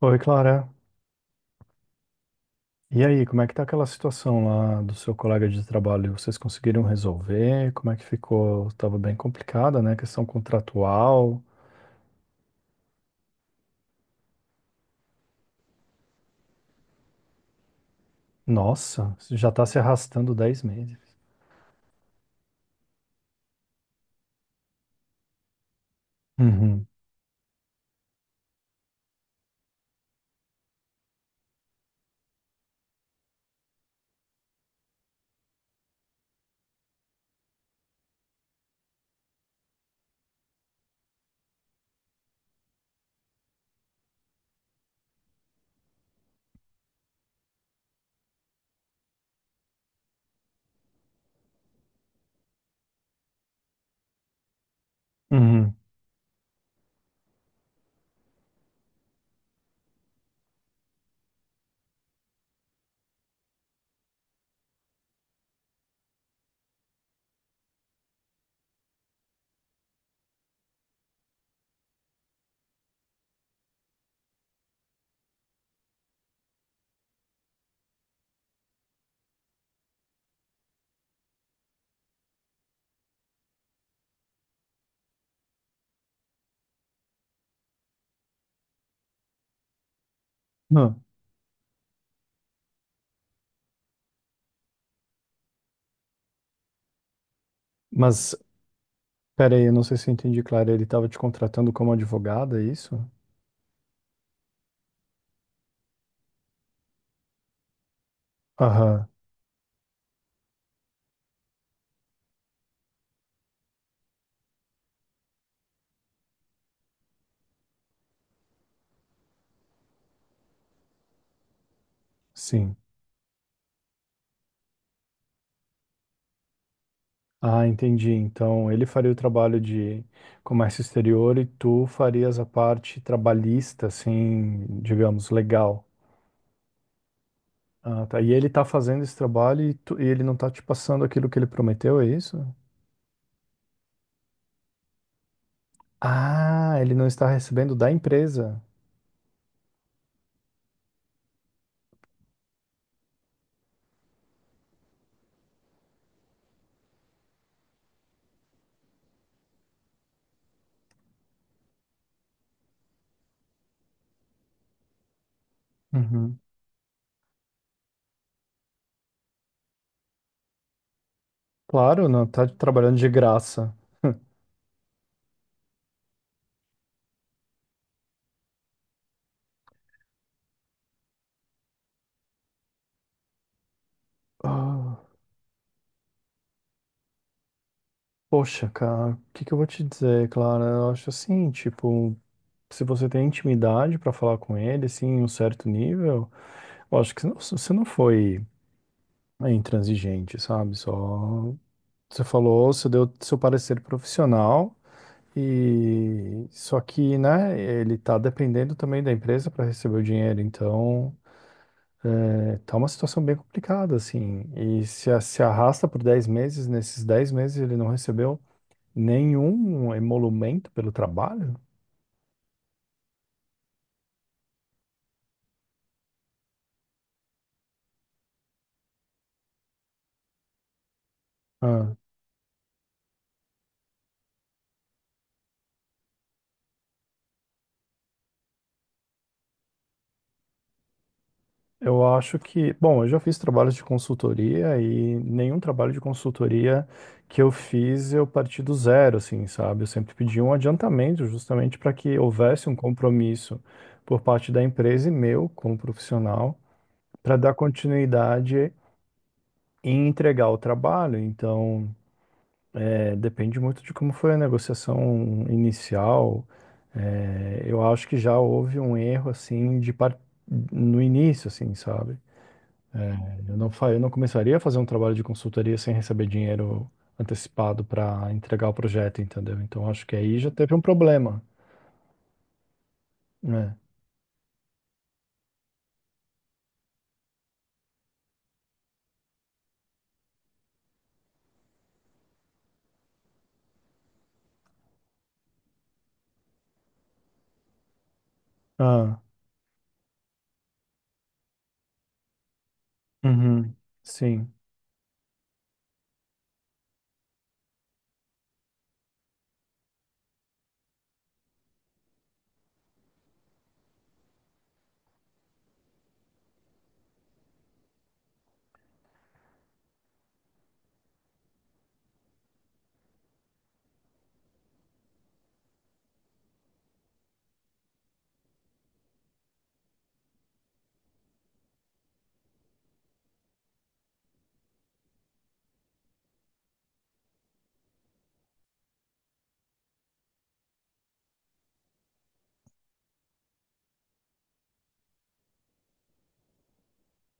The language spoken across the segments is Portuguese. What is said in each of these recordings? Oi, Clara. E aí, como é que tá aquela situação lá do seu colega de trabalho? Vocês conseguiram resolver? Como é que ficou? Tava bem complicada, né? Questão contratual. Nossa, isso já tá se arrastando 10 meses. Uhum, uhum. Não, mas, pera aí, eu não sei se eu entendi, Clara. Ele tava te contratando como advogada, é isso? Aham, sim. Ah, entendi. Então, ele faria o trabalho de comércio exterior e tu farias a parte trabalhista, assim, digamos, legal. Ah, tá. E ele tá fazendo esse trabalho e, e ele não tá te passando aquilo que ele prometeu, é isso? Ah, ele não está recebendo da empresa. Uhum. Claro, não tá trabalhando de graça. Ah, poxa, cara, o que que eu vou te dizer, Clara? Eu acho assim, tipo, se você tem intimidade pra falar com ele, assim, em um certo nível, eu acho que você não foi, é, intransigente, sabe? Só você falou, você deu seu parecer profissional. E só que, né, ele tá dependendo também da empresa para receber o dinheiro, então, é, tá uma situação bem complicada, assim. E se, se arrasta por 10 meses, nesses 10 meses ele não recebeu nenhum emolumento pelo trabalho? Eu acho que, bom, eu já fiz trabalhos de consultoria e nenhum trabalho de consultoria que eu fiz eu parti do zero, assim, sabe? Eu sempre pedi um adiantamento justamente para que houvesse um compromisso por parte da empresa e meu como profissional para dar continuidade e entregar o trabalho. Então, é, depende muito de como foi a negociação inicial. É, eu acho que já houve um erro assim no início, assim, sabe? Eu não começaria a fazer um trabalho de consultoria sem receber dinheiro antecipado para entregar o projeto, entendeu? Então acho que aí já teve um problema, né? Ah, uhum, sim.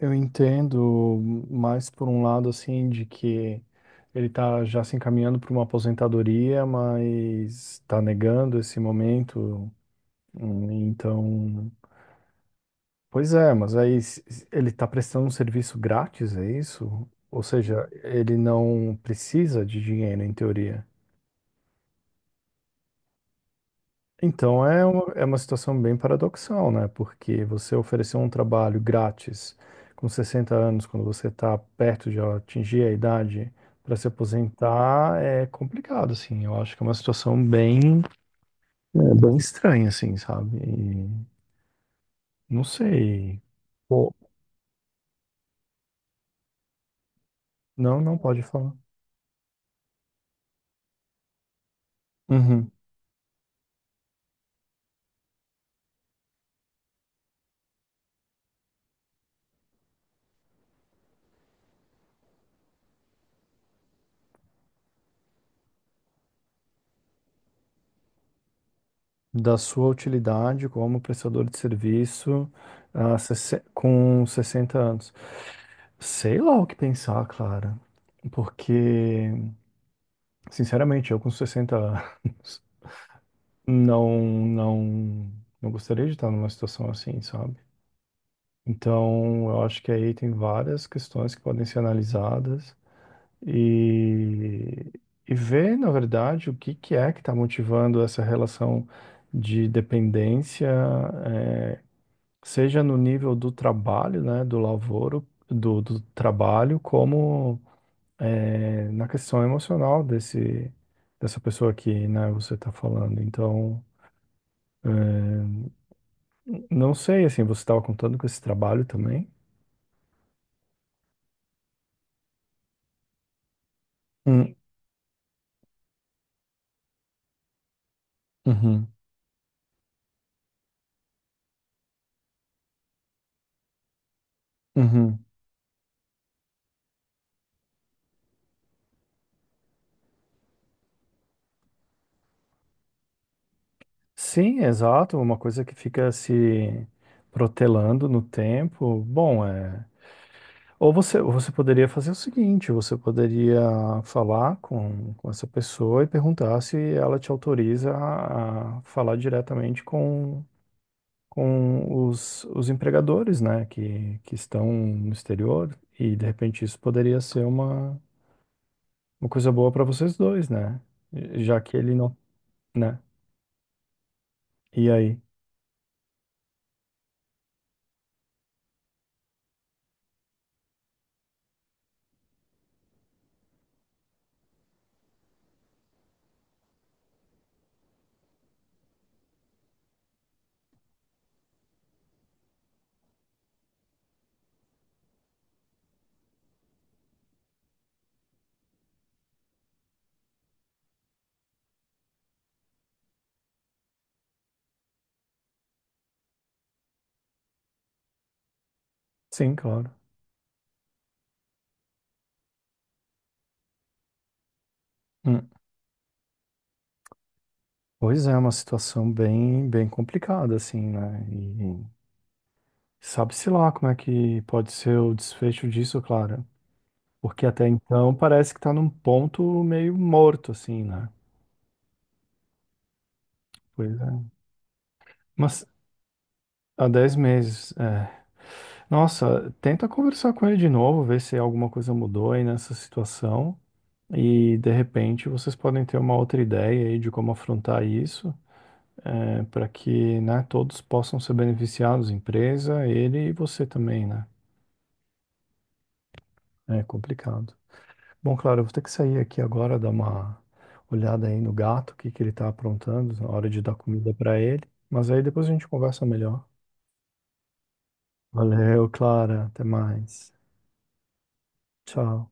Eu entendo mais por um lado assim de que ele tá já se encaminhando para uma aposentadoria, mas está negando esse momento. Então, pois é, mas aí se ele está prestando um serviço grátis, é isso? Ou seja, ele não precisa de dinheiro, em teoria. Então é uma situação bem paradoxal, né? Porque você ofereceu um trabalho grátis com 60 anos, quando você está perto de atingir a idade para se aposentar, é complicado, assim. Eu acho que é uma situação bem, é, bem estranha, assim, sabe? E não sei. Pô, não, não pode falar. Uhum. Da sua utilidade como prestador de serviço, ah, com 60 anos. Sei lá o que pensar, Clara, porque, sinceramente, eu com 60 anos não, não, não gostaria de estar numa situação assim, sabe? Então, eu acho que aí tem várias questões que podem ser analisadas e, e ver, na verdade, o que que é que está motivando essa relação de dependência, eh, seja no nível do trabalho, né, do lavoro, do, do trabalho, como é, na questão emocional desse, dessa pessoa que, né, você está falando. Então, eh, não sei, assim, você estava contando com esse trabalho também? Hum, uhum, uhum. Sim, exato, uma coisa que fica se protelando no tempo. Bom, é. Ou você poderia fazer o seguinte, você poderia falar com essa pessoa e perguntar se ela te autoriza a falar diretamente com os empregadores, né, que estão no exterior, e de repente isso poderia ser uma coisa boa para vocês dois, né? Já que ele não, né? E aí? Sim, claro. Hum. Pois é, é uma situação bem, bem complicada, assim, né? E, sabe-se lá como é que pode ser o desfecho disso, Clara. Porque até então parece que tá num ponto meio morto, assim, né? Pois é. Mas há 10 meses, é. Nossa, tenta conversar com ele de novo, ver se alguma coisa mudou aí nessa situação. E de repente vocês podem ter uma outra ideia aí de como afrontar isso, é, para que, né, todos possam ser beneficiados, empresa, ele e você também, né? É complicado. Bom, claro, eu vou ter que sair aqui agora, dar uma olhada aí no gato, o que que ele tá aprontando, na hora de dar comida pra ele. Mas aí depois a gente conversa melhor. Valeu, Clara, até mais. Tchau.